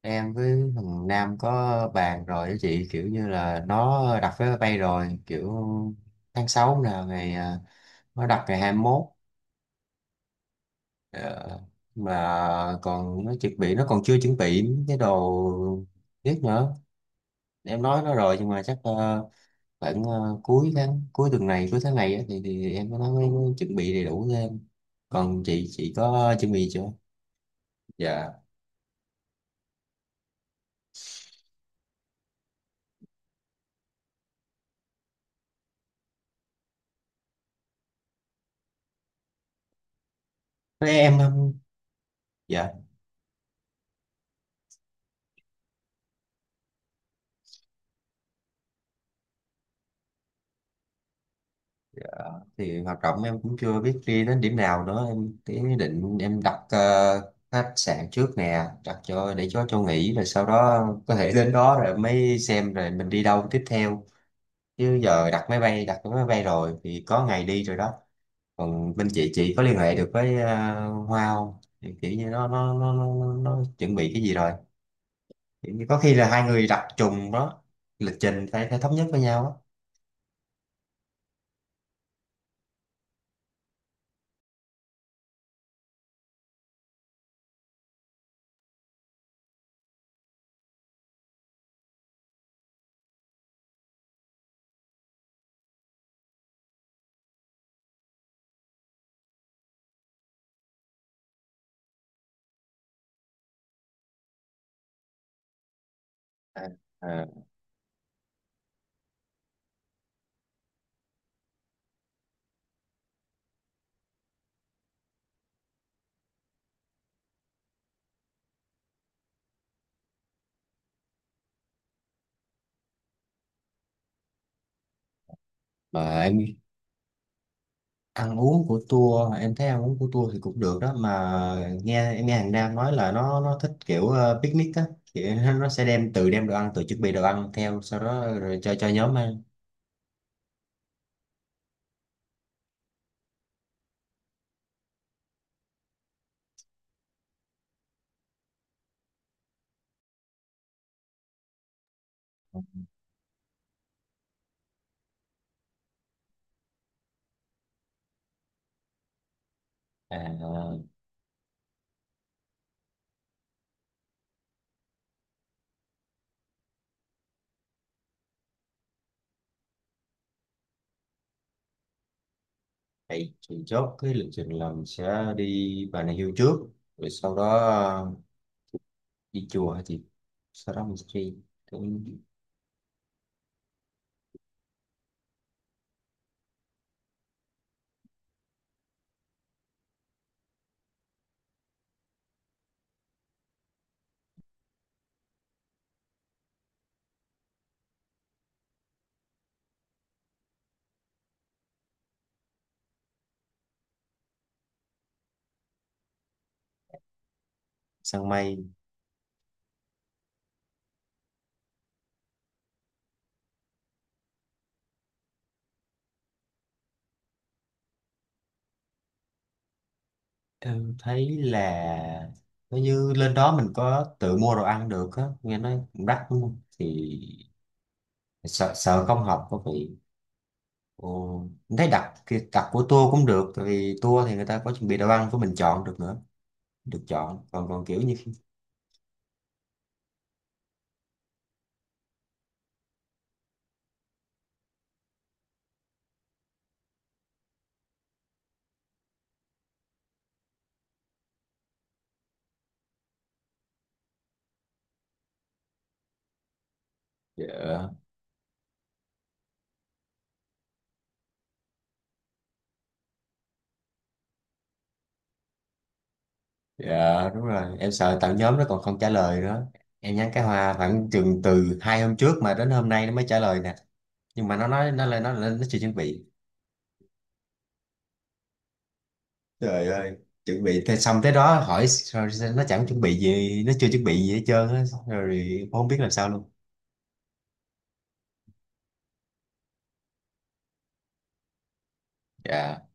Em với thằng Nam có bàn rồi đó chị, kiểu như là nó đặt vé máy bay rồi, kiểu tháng 6 là ngày nó đặt ngày 21. Ờ, mà còn nó chuẩn bị, nó còn chưa chuẩn bị những cái đồ tiếp nữa. Em nói nó rồi nhưng mà chắc khoảng cuối tháng, cuối tuần này, cuối tháng này á, thì em nó mới mới chuẩn bị đầy đủ thêm. Còn chị có chuẩn bị chưa? Dạ. Thế em không. Dạ, thì hoạt động em cũng chưa biết đi đến điểm nào nữa em. Cái ý định em đặt khách sạn trước nè, đặt cho để cho nghỉ rồi sau đó có thể đến đó rồi mới xem rồi mình đi đâu tiếp theo. Chứ giờ đặt máy bay, đặt cái máy bay rồi thì có ngày đi rồi đó. Còn bên chị có liên hệ được với Hoa không? Thì kiểu như nó chuẩn bị cái gì rồi, kiểu như có khi là hai người đặt trùng đó. Lịch trình phải phải thống nhất với nhau á. À, à. Mà em ăn uống của tour, em thấy ăn uống của tour thì cũng được đó, mà nghe em nghe hàng Nam nói là nó thích kiểu picnic á, kiểu nó sẽ đem, tự đem đồ ăn, tự chuẩn bị đồ ăn theo, sau đó rồi cho nhóm ăn. À, vậy thì chốt cái lịch trình là mình sẽ đi Bà Nà Hills trước, rồi sau đó đi chùa hả chị? Sau đó mình sẽ đi cũng săn mây. Em thấy là nếu như lên đó mình có tự mua đồ ăn được á, nghe nói cũng đắt đúng không? Thì sợ sợ không học có vị. Ồ, mình thấy đặt cái đặt của tour cũng được, tại vì tour thì người ta có chuẩn bị đồ ăn của mình, chọn được nữa, được chọn. Còn còn kiểu như khi- Dạ. Dạ đúng rồi, em sợ tạo nhóm nó còn không trả lời nữa. Em nhắn cái hoa khoảng chừng từ hai hôm trước mà đến hôm nay nó mới trả lời nè. Nhưng mà nó nói nó là nó chưa chuẩn bị. Trời ơi, chuẩn bị thế xong tới đó hỏi sao- sao nó chẳng chuẩn bị gì, nó chưa chuẩn bị gì hết trơn á, rồi không biết làm sao luôn. Dạ.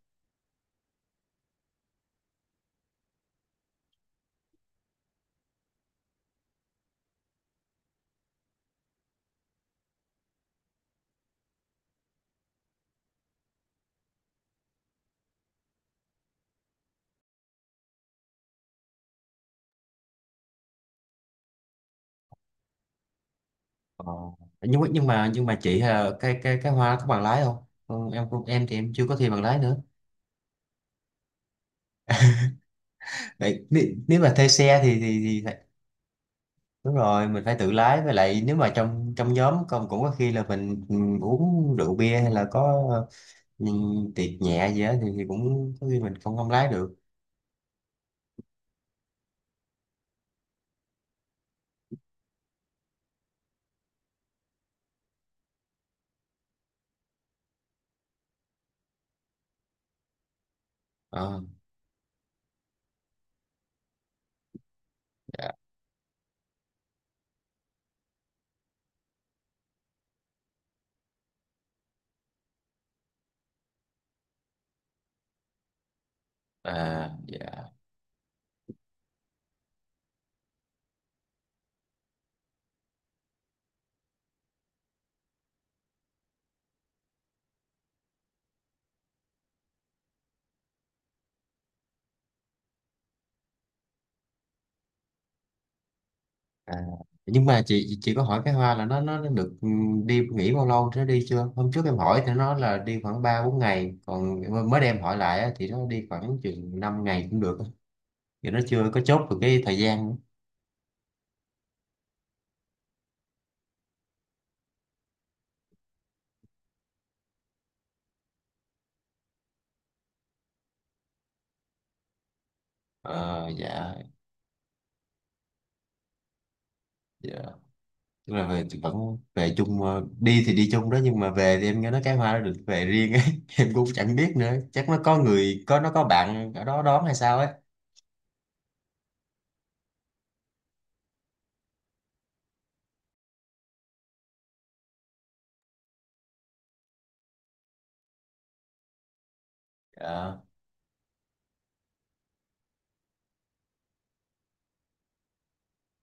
Ờ, nhưng mà chị cái cái hoa có bằng lái không? Ừ, em cũng em, thì em chưa có thi bằng lái nữa. Đấy, nếu, nếu mà thuê xe thì phải- đúng rồi mình phải tự lái. Với lại nếu mà trong trong nhóm công cũng có khi là mình ừ, uống rượu bia hay là có ừ, tiệc nhẹ gì đó thì cũng có khi mình không, không lái được. Ờ, dạ. À, dạ. À, nhưng mà chị có hỏi cái Hoa là nó được ừ, đi nghỉ bao lâu thì nó đi chưa? Hôm trước em hỏi thì nó nói là đi khoảng 3 4 ngày, còn mới đem hỏi lại á, thì nó đi khoảng chừng 5 ngày cũng được á. Thì nó chưa có chốt được cái thời gian nữa. Ờ dạ. Dạ. Tức là về thì vẫn về chung, đi thì đi chung đó, nhưng mà về thì em nghe nói cái Hoa nó được về riêng ấy. Em cũng chẳng biết nữa, chắc nó có người, có nó có bạn ở đó đón hay sao ấy.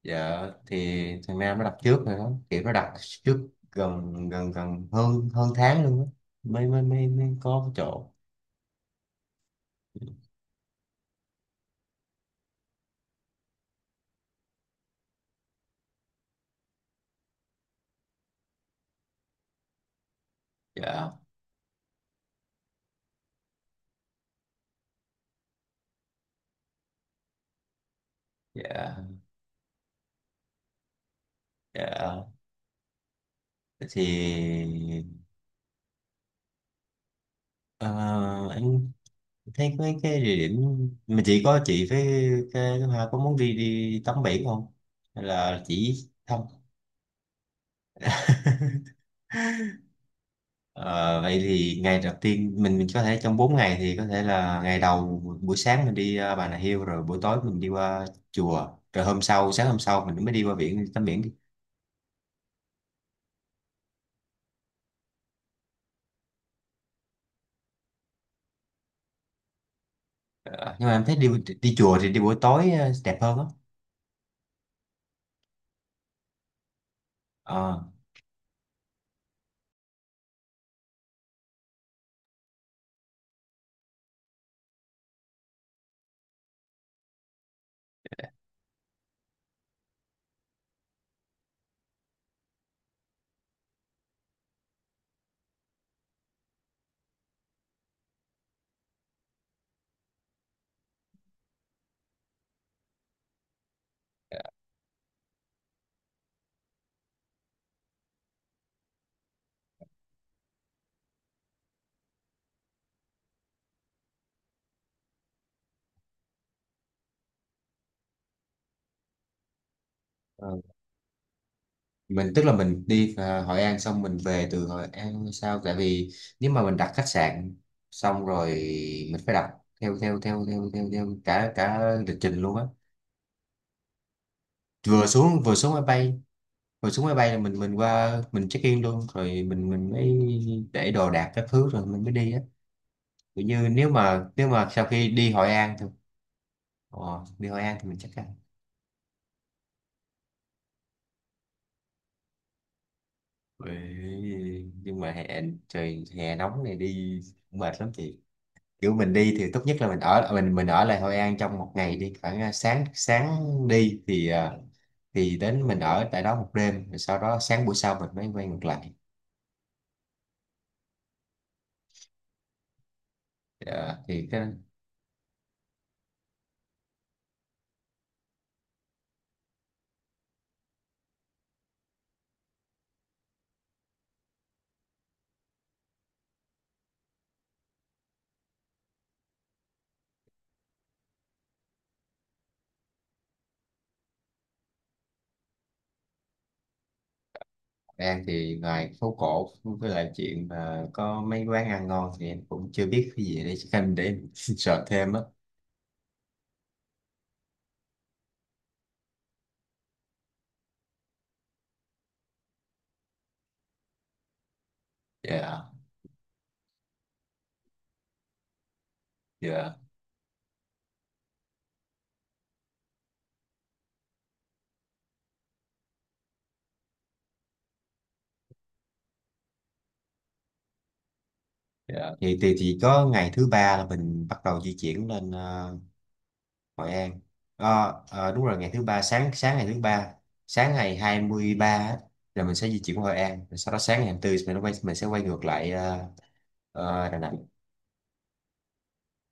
Dạ, thì thằng Nam nó đặt trước rồi đó, kiểu nó đặt trước gần gần gần hơn hơn tháng luôn á, mới mới mới mới có cái chỗ. Dạ. Dạ. Dạ thì ờ, anh thấy mấy cái địa điểm mà chị có, chị với cái thứ hai có muốn đi đi tắm biển không hay là chỉ thăm? Ờ, vậy thì ngày đầu tiên mình có thể trong 4 ngày thì có thể là ngày đầu buổi sáng mình đi Bà Nà Hills, rồi buổi tối mình đi qua chùa, rồi hôm sau, sáng hôm sau mình mới đi qua biển đi tắm biển đi. Ờ, nhưng mà em thấy đi, đi chùa thì đi buổi tối đẹp hơn á. Ờ, ờ, mình tức là mình đi Hội An xong mình về từ Hội An sao, tại vì nếu mà mình đặt khách sạn xong rồi mình phải đặt theo theo theo theo theo, theo cả cả lịch trình luôn á. Vừa xuống máy bay rồi, xuống máy bay là mình qua mình check in luôn, rồi mình mới để đồ đạc các thứ rồi mình mới đi á. Kiểu như nếu mà sau khi đi Hội An thôi. Ồ, đi Hội An thì mình chắc ăn. Ừ, nhưng mà hè, trời hè nóng này đi cũng mệt lắm chị, kiểu mình đi thì tốt nhất là mình ở, mình ở lại Hội An trong một ngày, đi khoảng à, sáng sáng đi thì à, thì đến mình ở tại đó một đêm rồi sau đó sáng buổi sau mình mới quay ngược lại. Ờ, thì cái An thì ngoài phố cổ với lại chuyện mà có mấy quán ăn ngon thì em cũng chưa biết cái gì để xem để em sợ thêm á. Dạ, dạ, dạ. Thì chỉ có ngày thứ ba là mình bắt đầu di chuyển lên Hội An. Ờ, ờ, đúng rồi, ngày thứ ba, sáng sáng ngày thứ ba, sáng ngày 23 á, là mình sẽ di chuyển qua Hội An. Rồi sau đó sáng ngày hai mươi tư mình quay, mình sẽ quay ngược lại Đà Nẵng.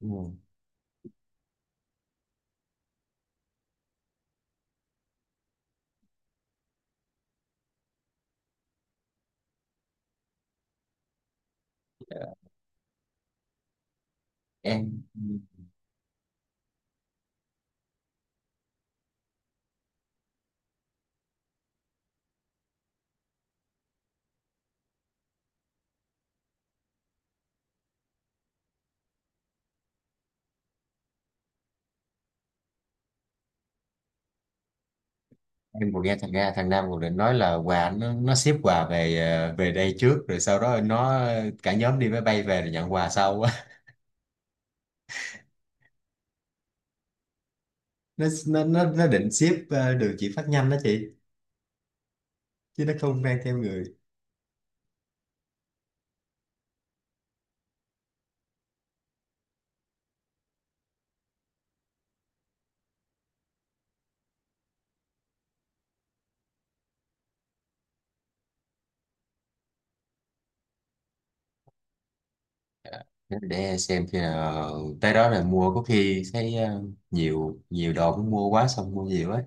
Đúng rồi. Dạ. Em em vừa nghe thằng Nga, thằng Nam còn định nói là quà nó ship quà về về đây trước rồi sau đó nó cả nhóm đi máy bay về rồi nhận quà sau á. Nó định ship đường chỉ phát nhanh đó chị, chứ nó không mang theo người. Để xem khi nào tới đó là mua, có khi thấy nhiều nhiều đồ cũng mua quá, xong mua nhiều ấy.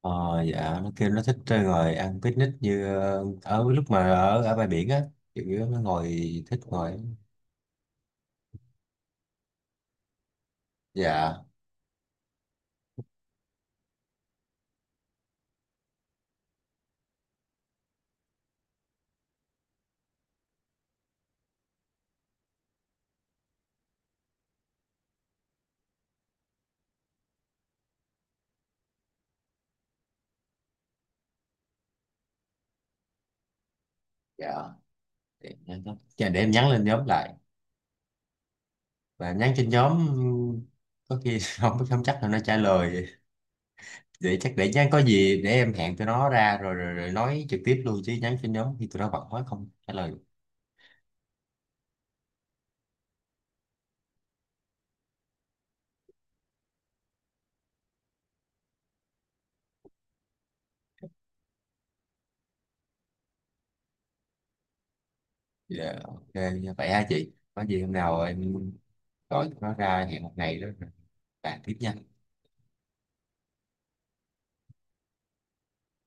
Ờ dạ, nó kêu nó thích ngồi ăn picnic như ở lúc mà ở ở bãi biển á, kiểu như nó ngồi thích ngồi. Dạ. Dạ để, để em nhắn lên nhóm lại và nhắn trên nhóm có khi không không chắc là nó trả lời vậy. Vậy chắc để nhắn, có gì để em hẹn tụi nó ra rồi rồi, rồi nói trực tiếp luôn, chứ nhắn trên nhóm thì tụi nó bận quá không trả lời. Dạ, ok. Vậy ha chị, có gì hôm nào em gọi tụi nó ra hẹn một ngày đó rồi bàn tiếp nha.